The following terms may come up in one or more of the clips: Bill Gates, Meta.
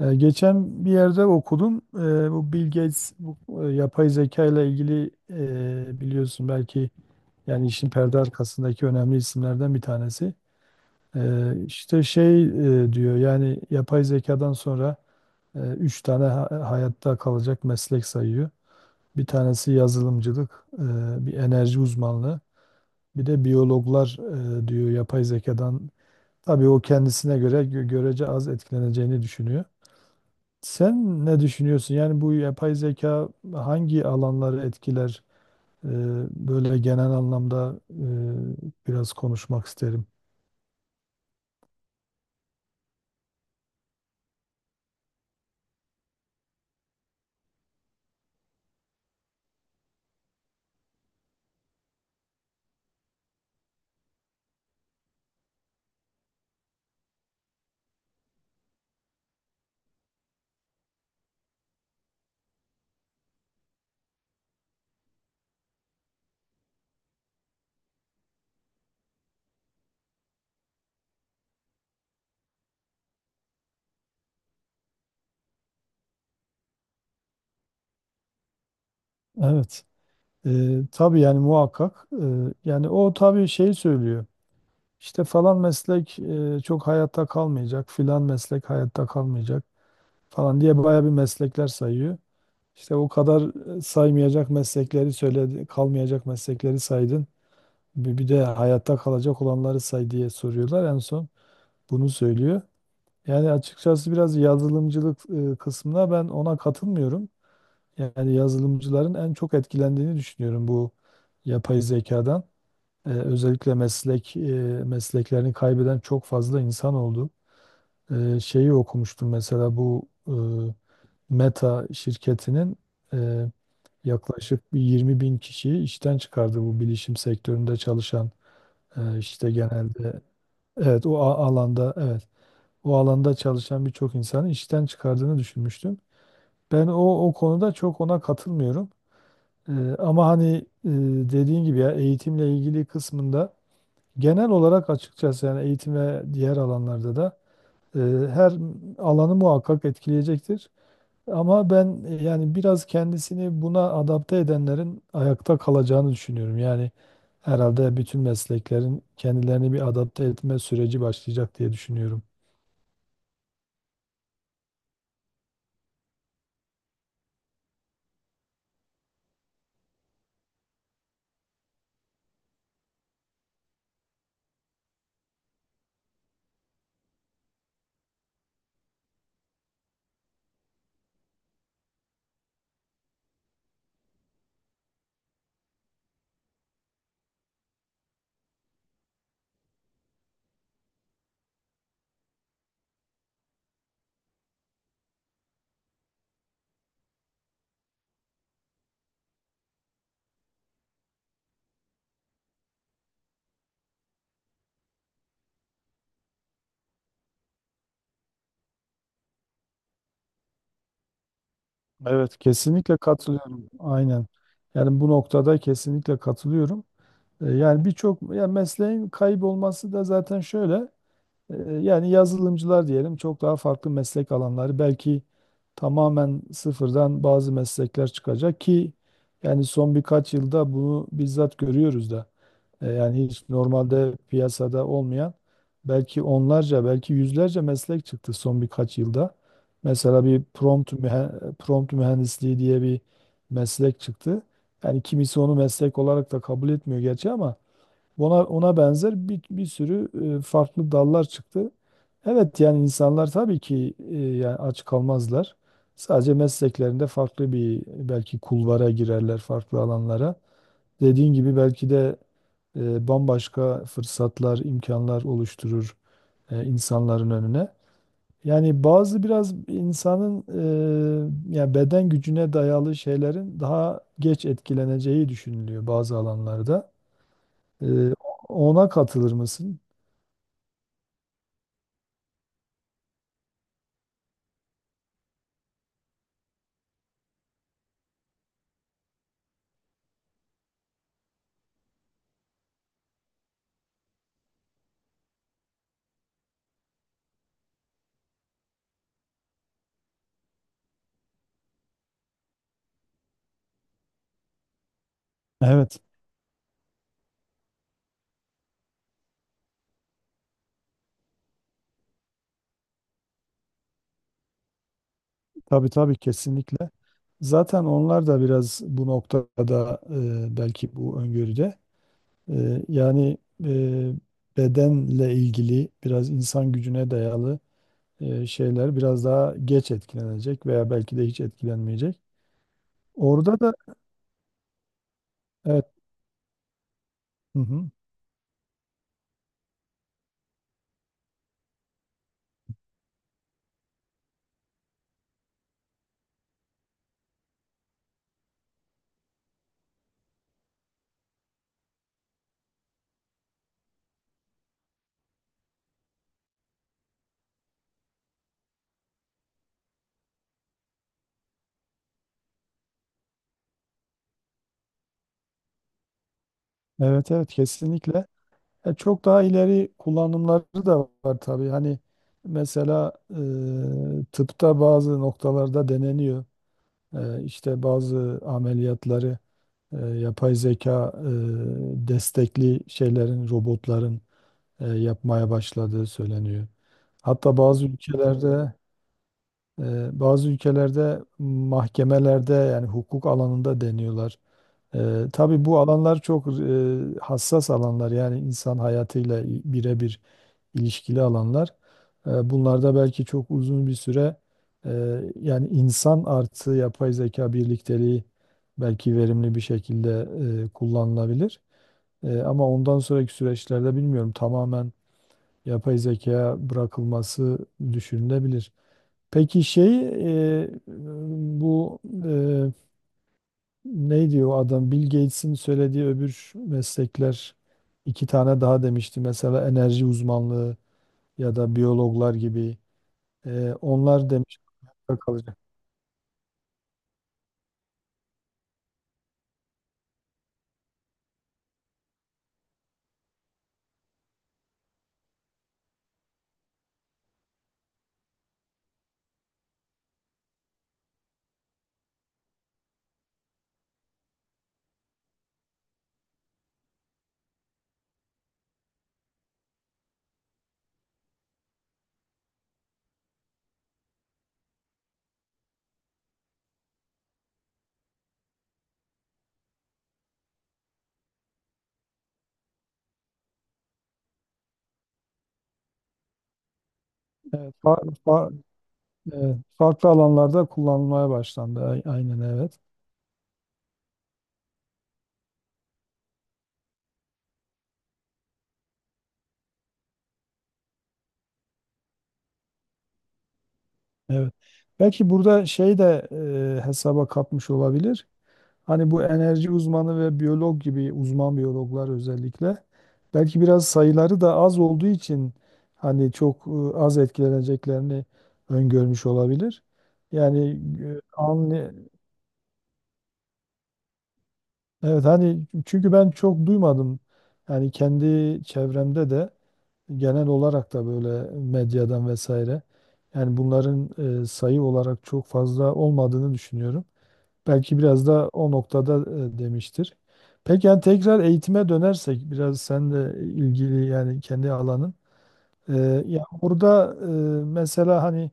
Geçen bir yerde okudum. Bu Bill Gates, bu yapay zeka ile ilgili, biliyorsun belki, yani işin perde arkasındaki önemli isimlerden bir tanesi. İşte şey, diyor yani yapay zekadan sonra üç tane hayatta kalacak meslek sayıyor. Bir tanesi yazılımcılık, bir enerji uzmanlığı, bir de biyologlar, diyor yapay zekadan. Tabii o kendisine göre görece az etkileneceğini düşünüyor. Sen ne düşünüyorsun? Yani bu yapay zeka hangi alanları etkiler? Ee, Böyle genel anlamda biraz konuşmak isterim. Evet. Tabii yani muhakkak. Yani o tabii şey söylüyor. İşte falan meslek çok hayatta kalmayacak, filan meslek hayatta kalmayacak falan diye bayağı bir meslekler sayıyor. İşte o kadar saymayacak meslekleri söyledi, kalmayacak meslekleri saydın. Bir de hayatta kalacak olanları say diye soruyorlar. En son bunu söylüyor. Yani açıkçası biraz yazılımcılık kısmına ben ona katılmıyorum. Yani yazılımcıların en çok etkilendiğini düşünüyorum bu yapay zekadan. Özellikle mesleklerini kaybeden çok fazla insan oldu. Şeyi okumuştum mesela, bu Meta şirketinin e, yaklaşık bir 20 bin kişiyi işten çıkardı, bu bilişim sektöründe çalışan, işte genelde, evet, o alanda, evet, o alanda çalışan birçok insanı işten çıkardığını düşünmüştüm. Ben o konuda çok ona katılmıyorum. E, Ama hani, e, dediğin gibi ya eğitimle ilgili kısmında, genel olarak açıkçası, yani eğitim ve diğer alanlarda da e, her alanı muhakkak etkileyecektir. Ama ben, yani biraz kendisini buna adapte edenlerin ayakta kalacağını düşünüyorum. Yani herhalde bütün mesleklerin kendilerini bir adapte etme süreci başlayacak diye düşünüyorum. Evet, kesinlikle katılıyorum. Aynen. Yani bu noktada kesinlikle katılıyorum. Yani birçok yani mesleğin kaybolması da zaten şöyle. E, Yani yazılımcılar diyelim, çok daha farklı meslek alanları, belki tamamen sıfırdan bazı meslekler çıkacak ki yani son birkaç yılda bunu bizzat görüyoruz da. Yani hiç normalde piyasada olmayan belki onlarca, belki yüzlerce meslek çıktı son birkaç yılda. Mesela bir prompt mühendisliği diye bir meslek çıktı. Yani kimisi onu meslek olarak da kabul etmiyor gerçi ama ona benzer bir sürü farklı dallar çıktı. Evet, yani insanlar tabii ki yani aç kalmazlar. Sadece mesleklerinde farklı bir belki kulvara girerler, farklı alanlara. Dediğin gibi belki de bambaşka fırsatlar, imkanlar oluşturur insanların önüne. Yani bazı, biraz insanın yani beden gücüne dayalı şeylerin daha geç etkileneceği düşünülüyor bazı alanlarda. Ee, Ona katılır mısın? Evet, tabii tabii, kesinlikle. Zaten onlar da biraz bu noktada, belki bu öngörüde, yani e, bedenle ilgili, biraz insan gücüne dayalı şeyler biraz daha geç etkilenecek veya belki de hiç etkilenmeyecek. Orada da, evet, hı hı, evet, evet, kesinlikle. Çok daha ileri kullanımları da var tabii. Hani mesela tıpta bazı noktalarda deneniyor. İşte bazı ameliyatları yapay zeka destekli şeylerin, robotların yapmaya başladığı söyleniyor. Hatta bazı ülkelerde mahkemelerde, yani hukuk alanında deniyorlar. Tabii bu alanlar çok hassas alanlar, yani insan hayatıyla birebir ilişkili alanlar. Bunlarda belki çok uzun bir süre yani insan artı yapay zeka birlikteliği belki verimli bir şekilde kullanılabilir. Ama ondan sonraki süreçlerde bilmiyorum, tamamen yapay zekaya bırakılması düşünülebilir. Peki şey, e, bu e, ne diyor o adam, Bill Gates'in söylediği öbür meslekler iki tane daha demişti. Mesela enerji uzmanlığı ya da biyologlar gibi. Onlar demiş kalacak. Evet, farklı alanlarda kullanılmaya başlandı. Aynen, evet. Evet. Belki burada şey de hesaba katmış olabilir. Hani bu enerji uzmanı ve biyolog gibi, uzman biyologlar özellikle, belki biraz sayıları da az olduğu için, hani çok az etkileneceklerini öngörmüş olabilir. Yani e, anlı Evet, hani çünkü ben çok duymadım. Yani kendi çevremde de, genel olarak da, böyle medyadan vesaire, yani bunların sayı olarak çok fazla olmadığını düşünüyorum. Belki biraz da o noktada demiştir. Peki yani tekrar eğitime dönersek biraz, sen de ilgili yani, kendi alanın. E, Ya burada mesela hani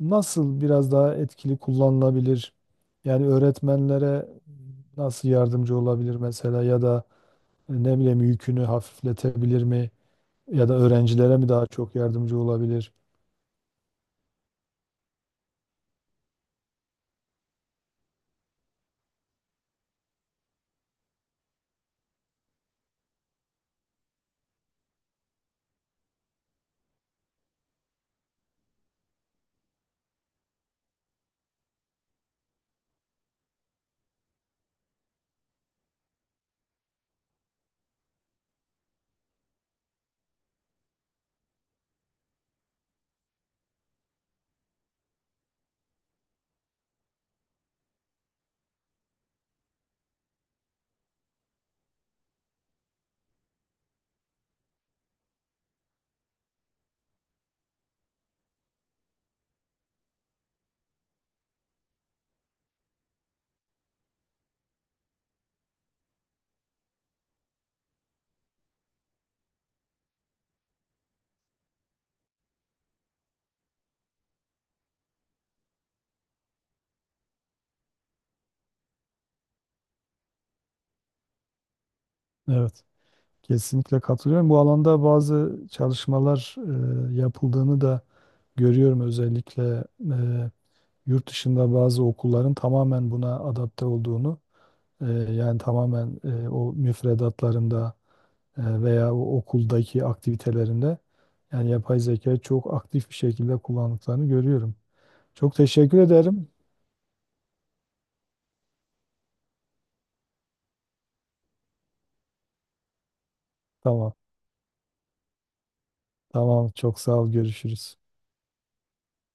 nasıl biraz daha etkili kullanılabilir? Yani öğretmenlere nasıl yardımcı olabilir mesela, ya da ne bileyim yükünü hafifletebilir mi? Ya da öğrencilere mi daha çok yardımcı olabilir? Evet, kesinlikle katılıyorum. Bu alanda bazı çalışmalar yapıldığını da görüyorum, özellikle e, yurt dışında bazı okulların tamamen buna adapte olduğunu, yani tamamen o müfredatlarında veya o okuldaki aktivitelerinde yani yapay zeka çok aktif bir şekilde kullandıklarını görüyorum. Çok teşekkür ederim. Tamam, tamam. Çok sağ ol. Görüşürüz.